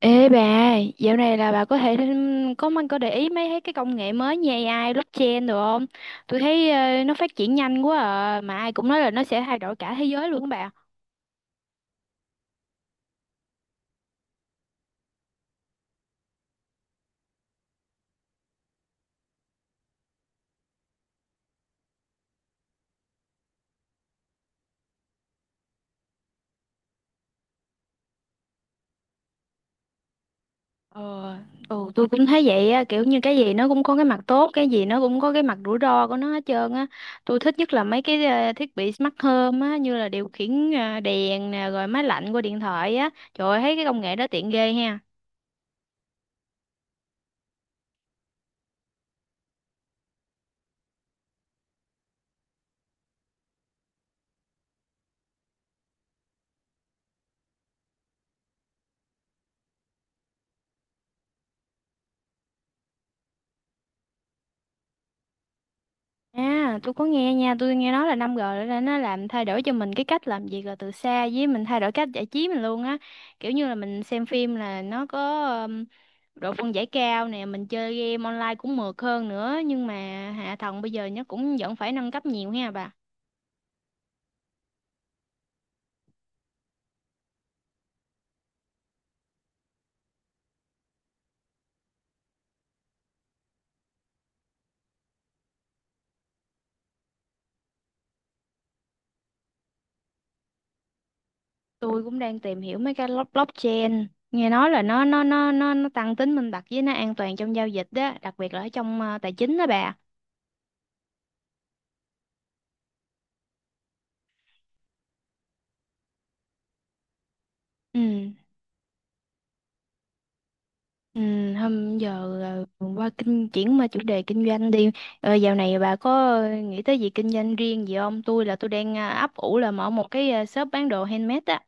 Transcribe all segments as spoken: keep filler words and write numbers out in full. Ê bà, dạo này là bà có thể thêm- có có để ý mấy thấy cái công nghệ mới như ây ai, blockchain được không? Tôi thấy ờ, nó phát triển nhanh quá à, mà ai cũng nói là nó sẽ thay đổi cả thế giới luôn á bà. Ờ, ừ, tôi cũng thấy vậy á, kiểu như cái gì nó cũng có cái mặt tốt, cái gì nó cũng có cái mặt rủi ro của nó hết trơn á. Tôi thích nhất là mấy cái ờ, thiết bị smart home á, như là điều khiển ờ, đèn nè, rồi máy lạnh qua điện thoại á. Trời ơi, thấy cái công nghệ đó tiện ghê ha. À, tôi có nghe nha, tôi nghe nói là năm rồi là nó làm thay đổi cho mình cái cách làm việc là từ xa với mình thay đổi cách giải trí mình luôn á. Kiểu như là mình xem phim là nó có um, độ phân giải cao nè, mình chơi game online cũng mượt hơn nữa, nhưng mà hạ tầng bây giờ nó cũng vẫn phải nâng cấp nhiều ha bà. Tôi cũng đang tìm hiểu mấy cái block- blockchain, nghe nói là nó nó nó nó nó tăng tính minh bạch với nó an toàn trong giao dịch đó, đặc biệt là ở trong ờ, tài chính đó bà. Ừ. Ừ, hôm giờ ờ, qua kinh chuyển qua chủ đề kinh doanh đi. Ờ, dạo này bà có ờ, nghĩ tới gì kinh doanh riêng gì không? Tôi là tôi đang à, ấp ủ là mở một cái à, shop bán đồ handmade á.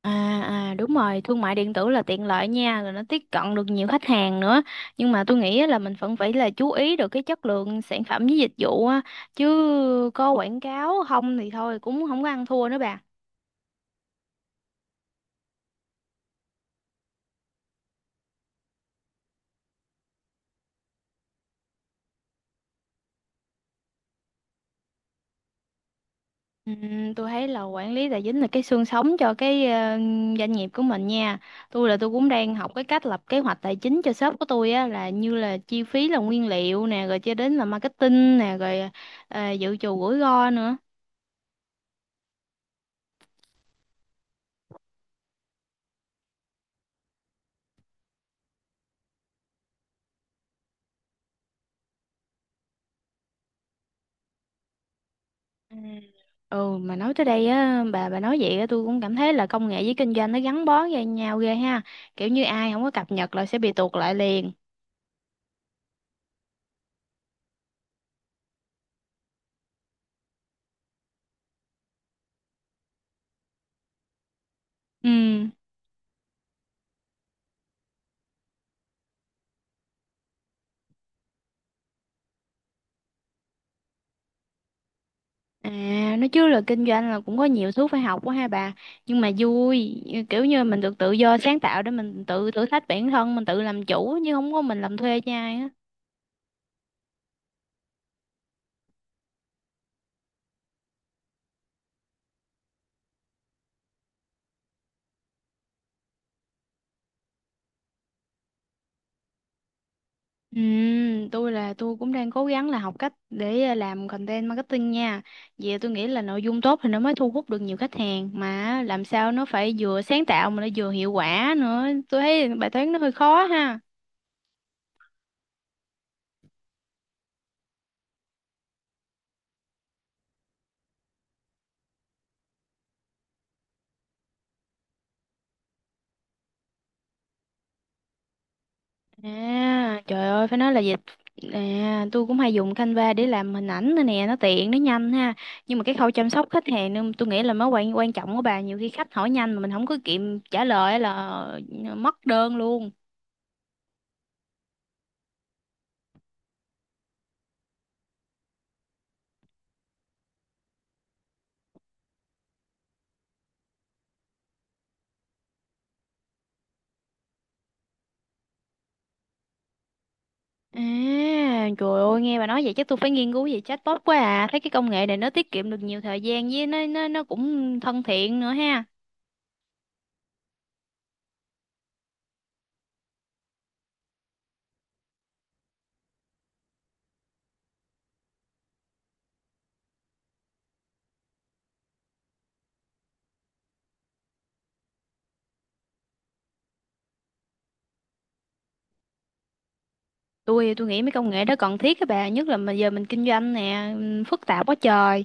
À, à đúng rồi, thương mại điện tử là tiện lợi nha, rồi nó tiếp cận được nhiều khách hàng nữa. Nhưng mà tôi nghĩ á là mình vẫn phải là chú ý được cái chất lượng sản phẩm với dịch vụ á, chứ có quảng cáo không thì thôi cũng không có ăn thua nữa bà. Ừm, tôi thấy là quản lý tài chính là cái xương sống cho cái ờ, doanh nghiệp của mình nha. Tôi là tôi cũng đang học cái cách lập kế hoạch tài chính cho shop của tôi á là như là chi phí là nguyên liệu nè, rồi cho đến là marketing nè, rồi ờ, dự trù rủi ro nữa. Ừ. Ừ mà nói tới đây á bà bà nói vậy á tôi cũng cảm thấy là công nghệ với kinh doanh nó gắn bó với nhau ghê ha. Kiểu như ai không có cập nhật là sẽ bị tuột lại liền. Ừ. À, nói chứ là kinh doanh là cũng có nhiều thứ phải học quá ha bà. Nhưng mà vui, kiểu như mình được tự do sáng tạo để mình tự thử thách bản thân, mình tự làm chủ chứ không có mình làm thuê cho ai á. Ừ, tôi là tôi cũng đang cố gắng là học cách để à, làm content marketing nha. Vì tôi nghĩ là nội dung tốt thì nó mới thu hút được nhiều khách hàng mà làm sao nó phải vừa sáng tạo mà nó vừa hiệu quả nữa. Tôi thấy bài toán nó hơi khó ha. À, trời ơi, phải nói là dịch à, tôi cũng hay dùng Canva để làm hình ảnh nữa nè, nó tiện, nó nhanh ha. Nhưng mà cái khâu chăm sóc khách hàng nên tôi nghĩ là mới quan quan trọng của bà, nhiều khi khách hỏi nhanh mà mình không có kịp trả lời á là ờ, mất đơn luôn. À, trời ơi, nghe bà nói vậy chắc tôi phải nghiên cứu về chatbot quá à. Thấy cái công nghệ này nó tiết kiệm được nhiều thời gian với nó nó nó cũng thân thiện nữa ha. tôi tôi nghĩ mấy công nghệ đó cần thiết các bạn nhất là mà giờ mình kinh doanh nè ừm, phức tạp quá trời,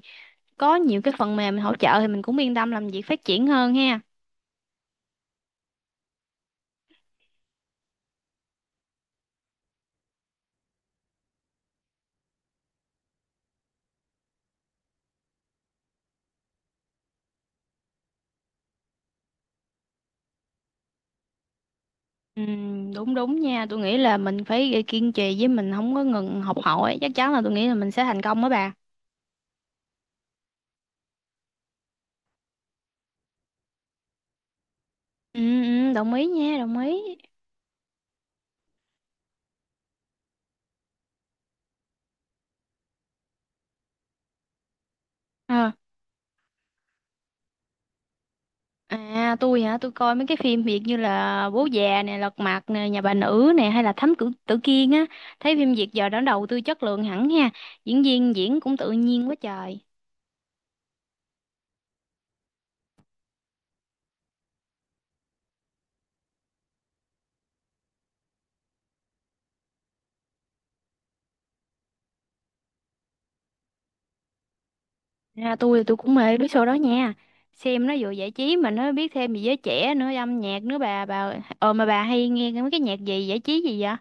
có nhiều cái phần mềm hỗ trợ thì mình cũng yên tâm làm việc phát triển hơn ha. Ừm, đúng đúng nha, tôi nghĩ là mình phải kiên trì với mình không có ngừng học hỏi, chắc chắn là tôi nghĩ là mình sẽ thành công đó bà. Ừ, ừ, đồng ý nha, đồng ý. Ờ, à tôi hả, tôi coi mấy cái phim Việt như là Bố Già nè, Lật Mặt nè, Nhà Bà Nữ nè, hay là Thám Tử Tử Kiên á, thấy phim Việt giờ đã đầu tư chất lượng hẳn ha, diễn viên diễn cũng tự nhiên quá trời. Ra tôi thì tôi cũng mê mấy show đó nha. Xem nó vừa giải trí mà nó biết thêm về giới trẻ nữa, âm nhạc nữa bà bà. Ờ mà bà hay nghe mấy cái nhạc gì giải trí gì vậy?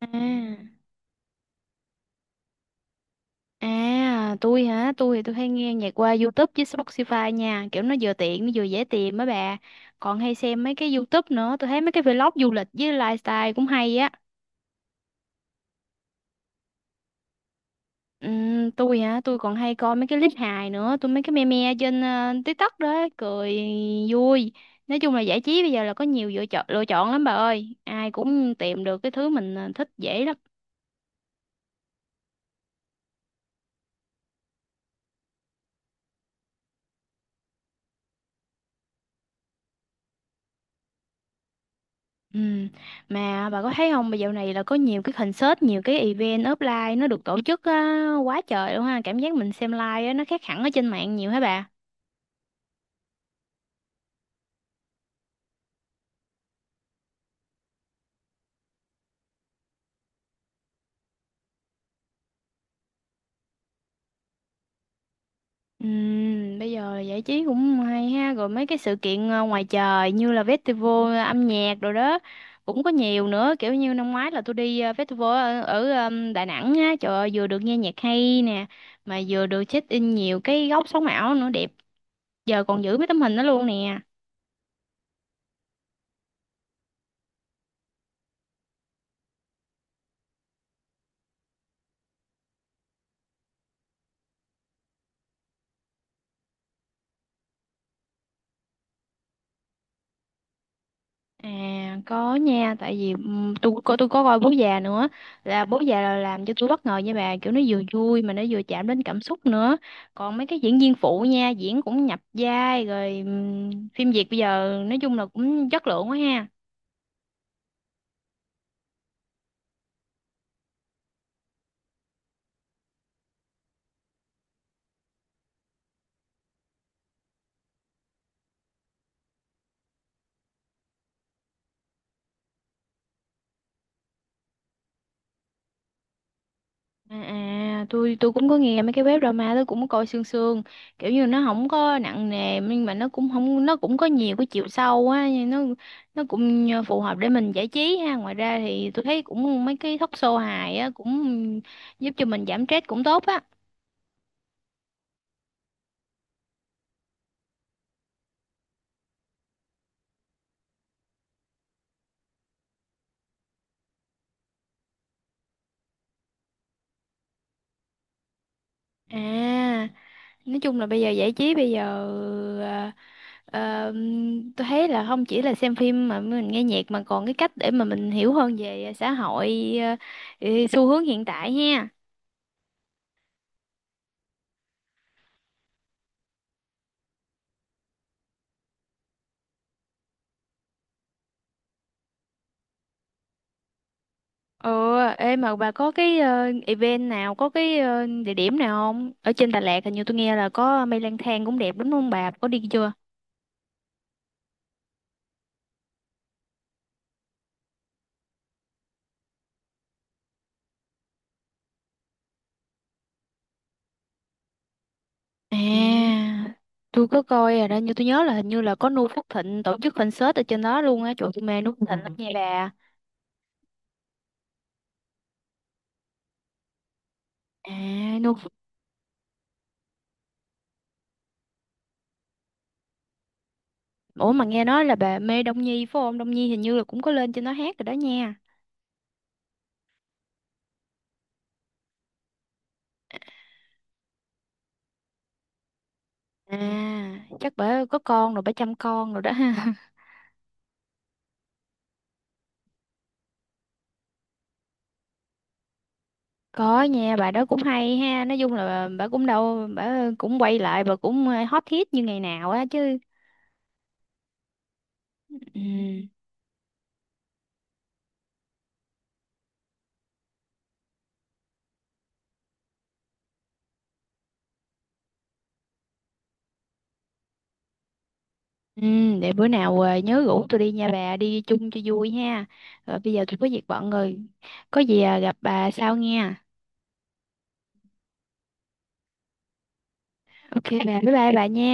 À, à tôi hả? Tôi thì tôi hay nghe nhạc qua YouTube với Spotify nha, kiểu nó vừa tiện nó vừa dễ tìm á bà. Còn hay xem mấy cái YouTube nữa, tôi thấy mấy cái vlog du lịch với lifestyle cũng hay á. Ừm, tôi hả, tôi còn hay coi mấy cái clip hài nữa, tôi mấy cái meme trên ờ, TikTok đó, cười vui. Nói chung là giải trí bây giờ là có nhiều lựa chọn lựa chọn lắm bà ơi, ai cũng tìm được cái thứ mình ờ, thích dễ lắm. Ừm, mà bà có thấy không, bây giờ này là có nhiều cái concert, nhiều cái event offline nó được tổ chức á, quá trời luôn ha, cảm giác mình xem live á, nó khác hẳn ở trên mạng nhiều hả bà. Ừm, bây giờ giải trí cũng hay ha, rồi mấy cái sự kiện ờ, ngoài trời như là festival ờ, âm nhạc rồi đó cũng có nhiều nữa, kiểu như năm ngoái là tôi đi ờ, festival ở, ở ờm, Đà Nẵng á, trời ơi, vừa được nghe nhạc hay nè, mà vừa được check in nhiều cái góc sống ảo nữa đẹp, giờ còn giữ mấy tấm hình đó luôn nè. À có nha, tại vì ừm, tôi có tôi có coi Bố Già nữa, là Bố Già là làm cho tôi bất ngờ nha bà, kiểu nó vừa vui mà nó vừa chạm đến cảm xúc nữa, còn mấy cái diễn viên phụ nha diễn cũng nhập vai, rồi ừm, phim Việt bây giờ nói chung là cũng chất lượng quá ha. À, à tôi tôi cũng có nghe mấy cái web drama, tôi cũng có coi sương sương, kiểu như nó không có nặng nề nhưng mà nó cũng không nó cũng có nhiều cái chiều sâu á, nhưng nó nó cũng phù hợp để mình giải trí ha. Ngoài ra thì tôi thấy cũng mấy cái talk show hài á, cũng giúp cho mình giảm stress cũng tốt á. À, nói chung là bây giờ giải trí bây giờ à, ờ, tôi thấy là không chỉ là xem phim mà mình nghe nhạc mà còn cái cách để mà mình hiểu hơn về xã hội ờ, ừ, xu hướng hiện tại ha. Ờ, ê mà bà có cái ờ, event nào, có cái ờ, địa điểm nào không? Ở trên Đà Lạt hình như tôi nghe là có Mây Lang Thang cũng đẹp đúng không bà? Có đi chưa? Ừ. À, tôi có coi rồi đó, nhưng tôi nhớ là hình như là có Nu Phước Thịnh tổ chức concert ở trên đó luôn á. Trời, tôi mê Nu Phước Thịnh lắm nha bà. À, Nu Phước- Ủa mà nghe nói là bà mê Đông Nhi phải không? Đông Nhi hình như là cũng có lên trên đó hát rồi đó nha. À, chắc bà có con rồi, bà chăm con rồi đó ha. Có nha, bà đó cũng hay ha. Nói chung là bà, cũng đâu, bà cũng quay lại, bà cũng ờ, hot hit như ngày nào á chứ. Ừ, ừ, để bữa nào ờ, nhớ rủ tôi đi nha bà, đi chung cho vui ha. Rồi bây giờ tôi có việc bận rồi. Có gì ờ, gặp bà sau nha. Ok bà, bye bye bà nha.